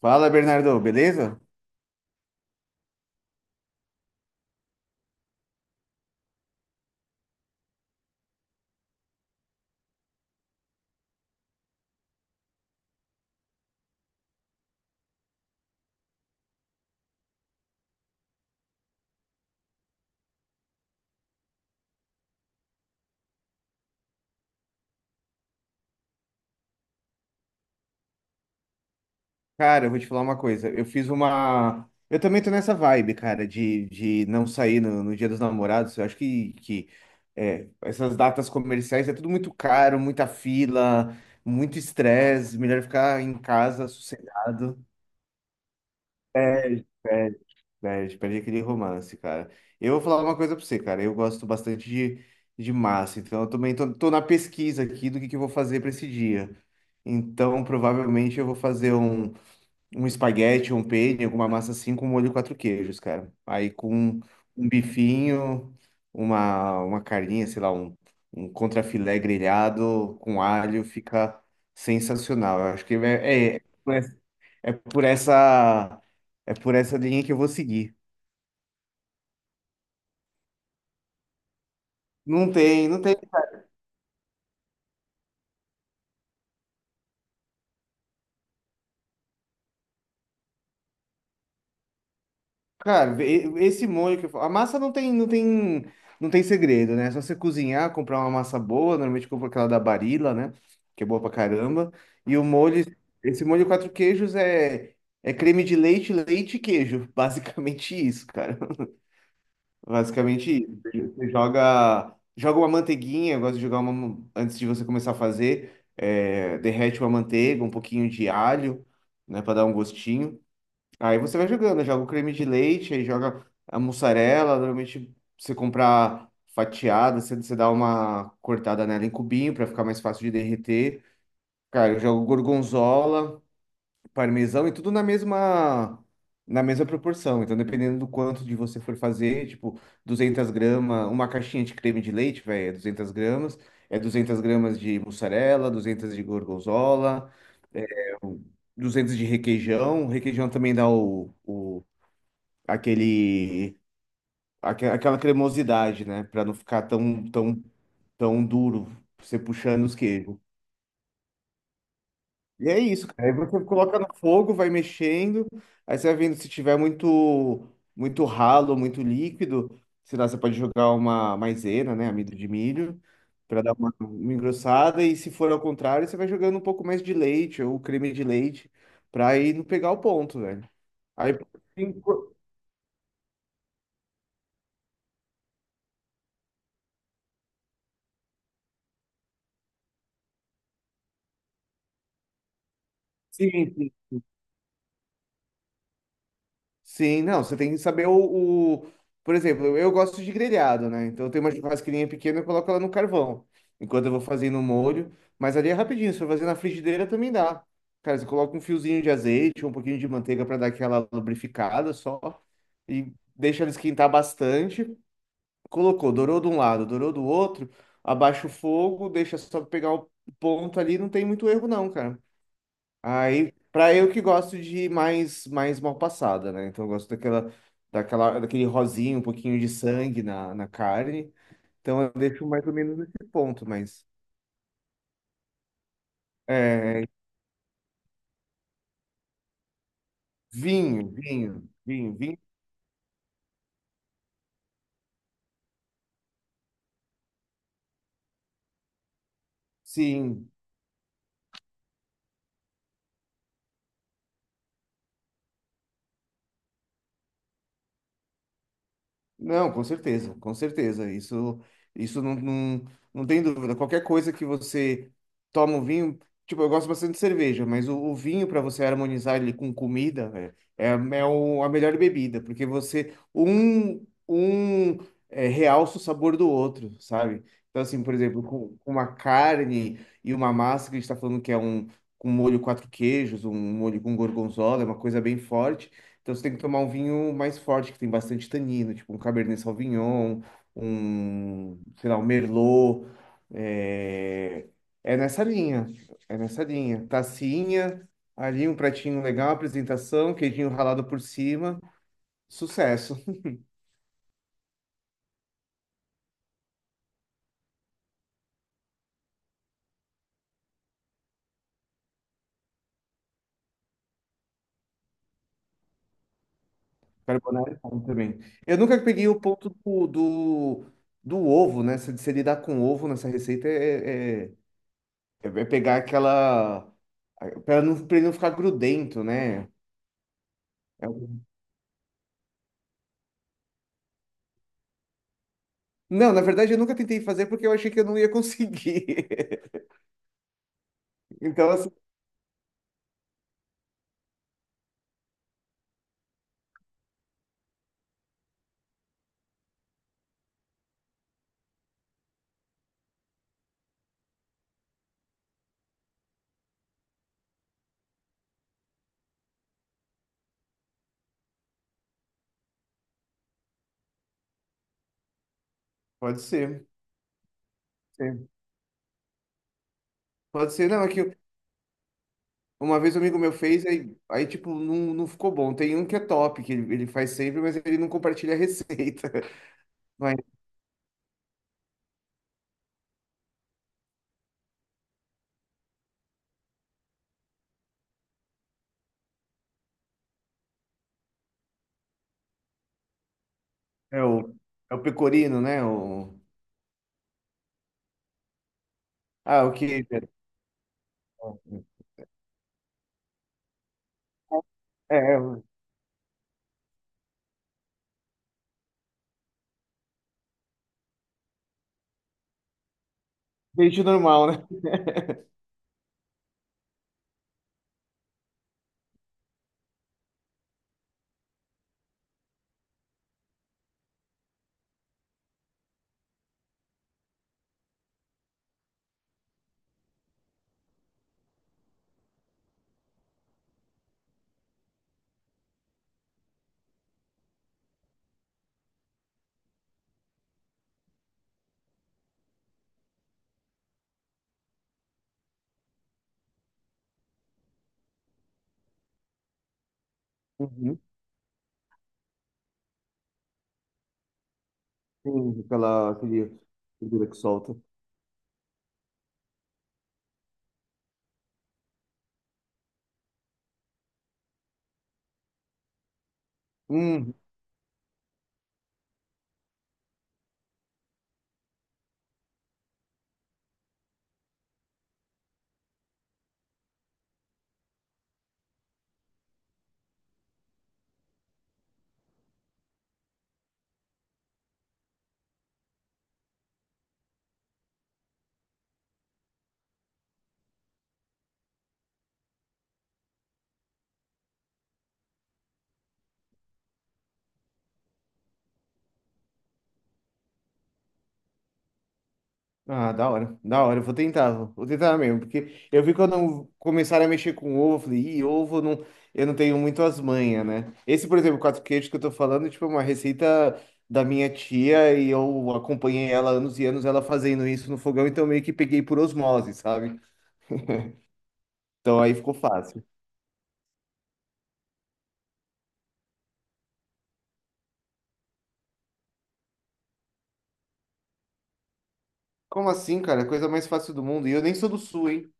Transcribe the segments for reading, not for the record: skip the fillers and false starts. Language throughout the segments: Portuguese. Fala, Bernardo, beleza? Cara, eu vou te falar uma coisa. Eu fiz uma. Eu também tô nessa vibe, cara, de não sair no Dia dos Namorados. Eu acho que essas datas comerciais é tudo muito caro, muita fila, muito estresse. Melhor ficar em casa, sossegado. Perde, perde, perde, perde aquele romance, cara. Eu vou falar uma coisa pra você, cara. Eu gosto bastante de massa, então eu também tô na pesquisa aqui do que eu vou fazer pra esse dia. Então, provavelmente eu vou fazer um espaguete, um penne, alguma massa assim com molho e quatro queijos, cara. Aí com um bifinho, uma carninha, sei lá, um contrafilé grelhado com alho, fica sensacional. Eu acho que é por essa, é por essa linha que eu vou seguir. Não tem. Cara, esse molho que eu falo. A massa não tem segredo, né? É só você cozinhar, comprar uma massa boa. Normalmente compra aquela da Barilla, né? Que é boa pra caramba. E o molho, esse molho quatro queijos é creme de leite, leite e queijo. Basicamente isso, cara. Basicamente isso. Você joga uma manteiguinha. Eu gosto de jogar uma. Antes de você começar a fazer, derrete uma manteiga, um pouquinho de alho, né? Pra dar um gostinho. Aí você vai jogando, joga o creme de leite, aí joga a mussarela. Normalmente você comprar fatiada, você dá uma cortada nela em cubinho para ficar mais fácil de derreter. Cara, eu jogo gorgonzola, parmesão e tudo na mesma proporção. Então, dependendo do quanto de você for fazer, tipo, 200 gramas, uma caixinha de creme de leite, velho, é 200 gramas, é 200 gramas de mussarela, 200 de gorgonzola, 200 de requeijão. Requeijão também dá aquele aquela cremosidade, né? Pra não ficar tão duro você puxando os queijos. E é isso, cara. Aí você coloca no fogo, vai mexendo, aí você vai vendo se tiver muito ralo, muito líquido, sei lá, você pode jogar uma maisena, né, amido de milho, pra dar uma engrossada e se for ao contrário, você vai jogando um pouco mais de leite ou creme de leite pra ir não pegar o ponto, velho. Aí sim, sim, sim, não, você tem que saber o. Por exemplo, eu gosto de grelhado, né? Então eu tenho uma churrasqueirinha pequena, eu coloco ela no carvão, enquanto eu vou fazendo o molho. Mas ali é rapidinho, se for fazer na frigideira também dá. Cara, você coloca um fiozinho de azeite, um pouquinho de manteiga para dar aquela lubrificada só, e deixa ela esquentar bastante. Colocou, dourou de um lado, dourou do outro, abaixa o fogo, deixa só pegar o ponto ali, não tem muito erro não, cara. Aí, pra eu que gosto de mais mal passada, né? Então eu gosto daquele rosinho, um pouquinho de sangue na carne. Então eu deixo mais ou menos nesse ponto, mas é, vinho, sim. Não, com certeza, com certeza. Isso, isso não, não, não tem dúvida. Qualquer coisa que você toma um vinho, tipo, eu gosto bastante de cerveja, mas o vinho para você harmonizar ele com comida, velho, é, é a melhor bebida, porque você realça o sabor do outro, sabe? Então, assim, por exemplo, com uma carne e uma massa que a gente está falando que é um com molho quatro queijos, um molho com gorgonzola, é uma coisa bem forte. Então você tem que tomar um vinho mais forte, que tem bastante tanino, tipo um Cabernet Sauvignon, um, sei lá, um Merlot. É, é nessa linha, é nessa linha. Tacinha, ali um pratinho legal, apresentação, queijinho ralado por cima, sucesso. Carbonara é bom também. Eu nunca peguei o ponto do ovo, né? Se lidar com ovo nessa receita é pegar aquela... Para não, para ele não ficar grudento, né? É um Não, na verdade eu nunca tentei fazer porque eu achei que eu não ia conseguir. Então, assim, pode ser. Sim. Pode ser. Não, é que uma vez um amigo meu fez, aí tipo, não, não ficou bom. Tem um que é top, que ele faz sempre, mas ele não compartilha a receita. Mas é o, é o pecorino, né? O, ah, o que... É, é o peixe normal, né? Uhum. Sim, aquele gordura que solta. Uhum. Ah, da hora, da hora. Eu vou tentar, vou tentar mesmo, porque eu vi quando começaram a mexer com ovo, eu falei, ih, ovo eu não tenho muito as manhas, né? Esse, por exemplo, quatro queijos que eu tô falando, tipo, é uma receita da minha tia e eu acompanhei ela anos e anos, ela fazendo isso no fogão, então meio que peguei por osmose, sabe? Então aí ficou fácil. Como assim, cara? É a coisa mais fácil do mundo. E eu nem sou do sul, hein?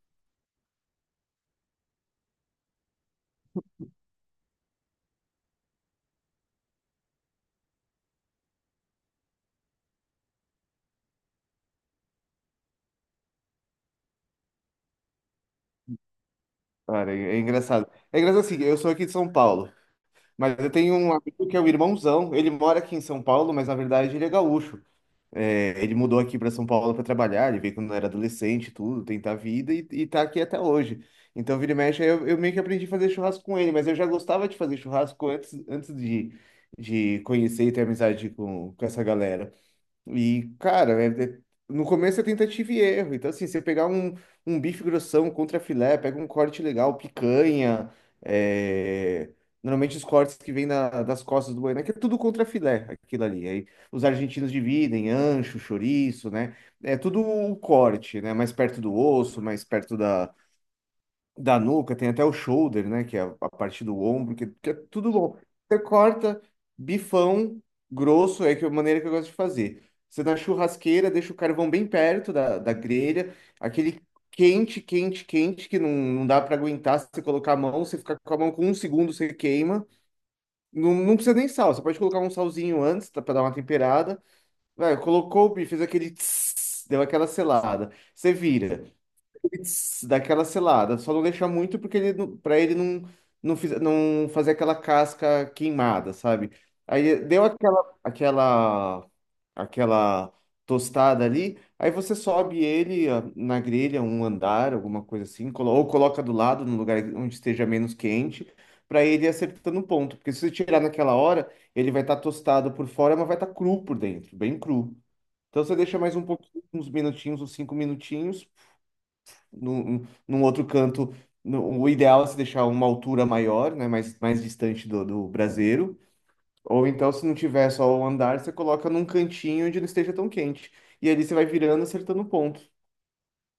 Cara, é engraçado. É engraçado assim, eu sou aqui de São Paulo, mas eu tenho um amigo que é um irmãozão, ele mora aqui em São Paulo, mas na verdade ele é gaúcho. É, ele mudou aqui para São Paulo para trabalhar, ele veio quando era adolescente, e tudo, tentar a vida e tá aqui até hoje. Então, vira e mexe, aí eu meio que aprendi a fazer churrasco com ele, mas eu já gostava de fazer churrasco antes, antes de conhecer e ter amizade com essa galera. E, cara, no começo é tentativa e erro. Então, assim, você pegar um bife grossão contra filé, pega um corte legal, picanha. É, normalmente os cortes que vêm das costas do boi, né? Que é tudo contra filé, aquilo ali. Aí os argentinos dividem, ancho, chouriço, né? É tudo o corte, né? Mais perto do osso, mais perto da nuca, tem até o shoulder, né? Que é a parte do ombro, que é tudo bom. Você corta bifão grosso, é que é a maneira que eu gosto de fazer. Você na churrasqueira deixa o carvão bem perto da grelha, aquele quente, quente, quente, que não, não dá para aguentar se você colocar a mão, você fica com a mão com um segundo, você queima. Não, não precisa nem sal, você pode colocar um salzinho antes para dar uma temperada. Vai, colocou o bife, fez aquele tss, deu aquela selada. Você vira. Putz, daquela selada. Só não deixar muito porque ele, pra ele não, não fazer aquela casca queimada, sabe? Aí deu aquela tostada ali, aí você sobe ele na grelha, um andar, alguma coisa assim, ou coloca do lado, num lugar onde esteja menos quente, pra ele ir acertando o ponto. Porque se você tirar naquela hora, ele vai estar tostado por fora, mas vai estar cru por dentro, bem cru. Então você deixa mais um pouquinho, uns minutinhos, uns 5 minutinhos num outro canto. O ideal é se deixar uma altura maior, né? Mais distante do braseiro. Ou então, se não tiver só o andar, você coloca num cantinho onde não esteja tão quente. E ali você vai virando, acertando o ponto.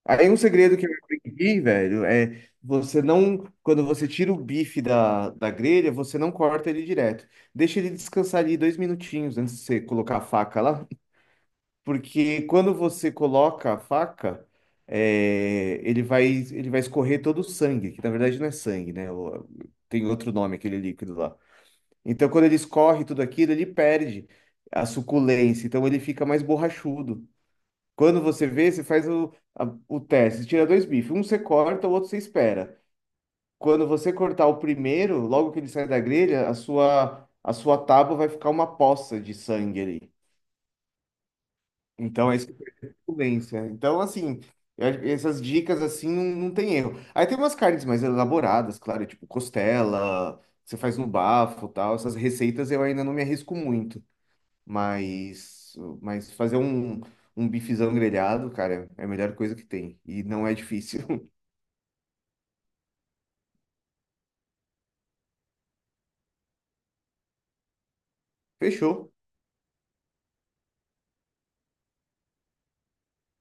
Aí um segredo que eu aprendi, velho, é você não. Quando você tira o bife da grelha, você não corta ele direto. Deixa ele descansar ali 2 minutinhos antes de você colocar a faca lá. Porque quando você coloca a faca, é, ele vai escorrer todo o sangue, que na verdade não é sangue, né? Tem outro nome aquele líquido lá. Então, quando ele escorre tudo aquilo, ele perde a suculência, então ele fica mais borrachudo. Quando você vê, você faz o teste, você tira dois bifes, um você corta, o outro você espera. Quando você cortar o primeiro, logo que ele sai da grelha, a sua tábua vai ficar uma poça de sangue ali. Então, é isso suculência. Então, assim, acho que essas dicas assim não, não tem erro. Aí tem umas carnes mais elaboradas, claro, tipo costela, você faz no bafo, tal. Essas receitas eu ainda não me arrisco muito, mas fazer um bifezão grelhado, cara, é a melhor coisa que tem e não é difícil. Fechou.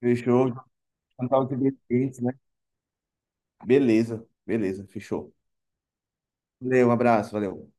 Fechou. Juntar os ingredientes, né? Beleza, beleza, fechou. Valeu, um abraço, valeu.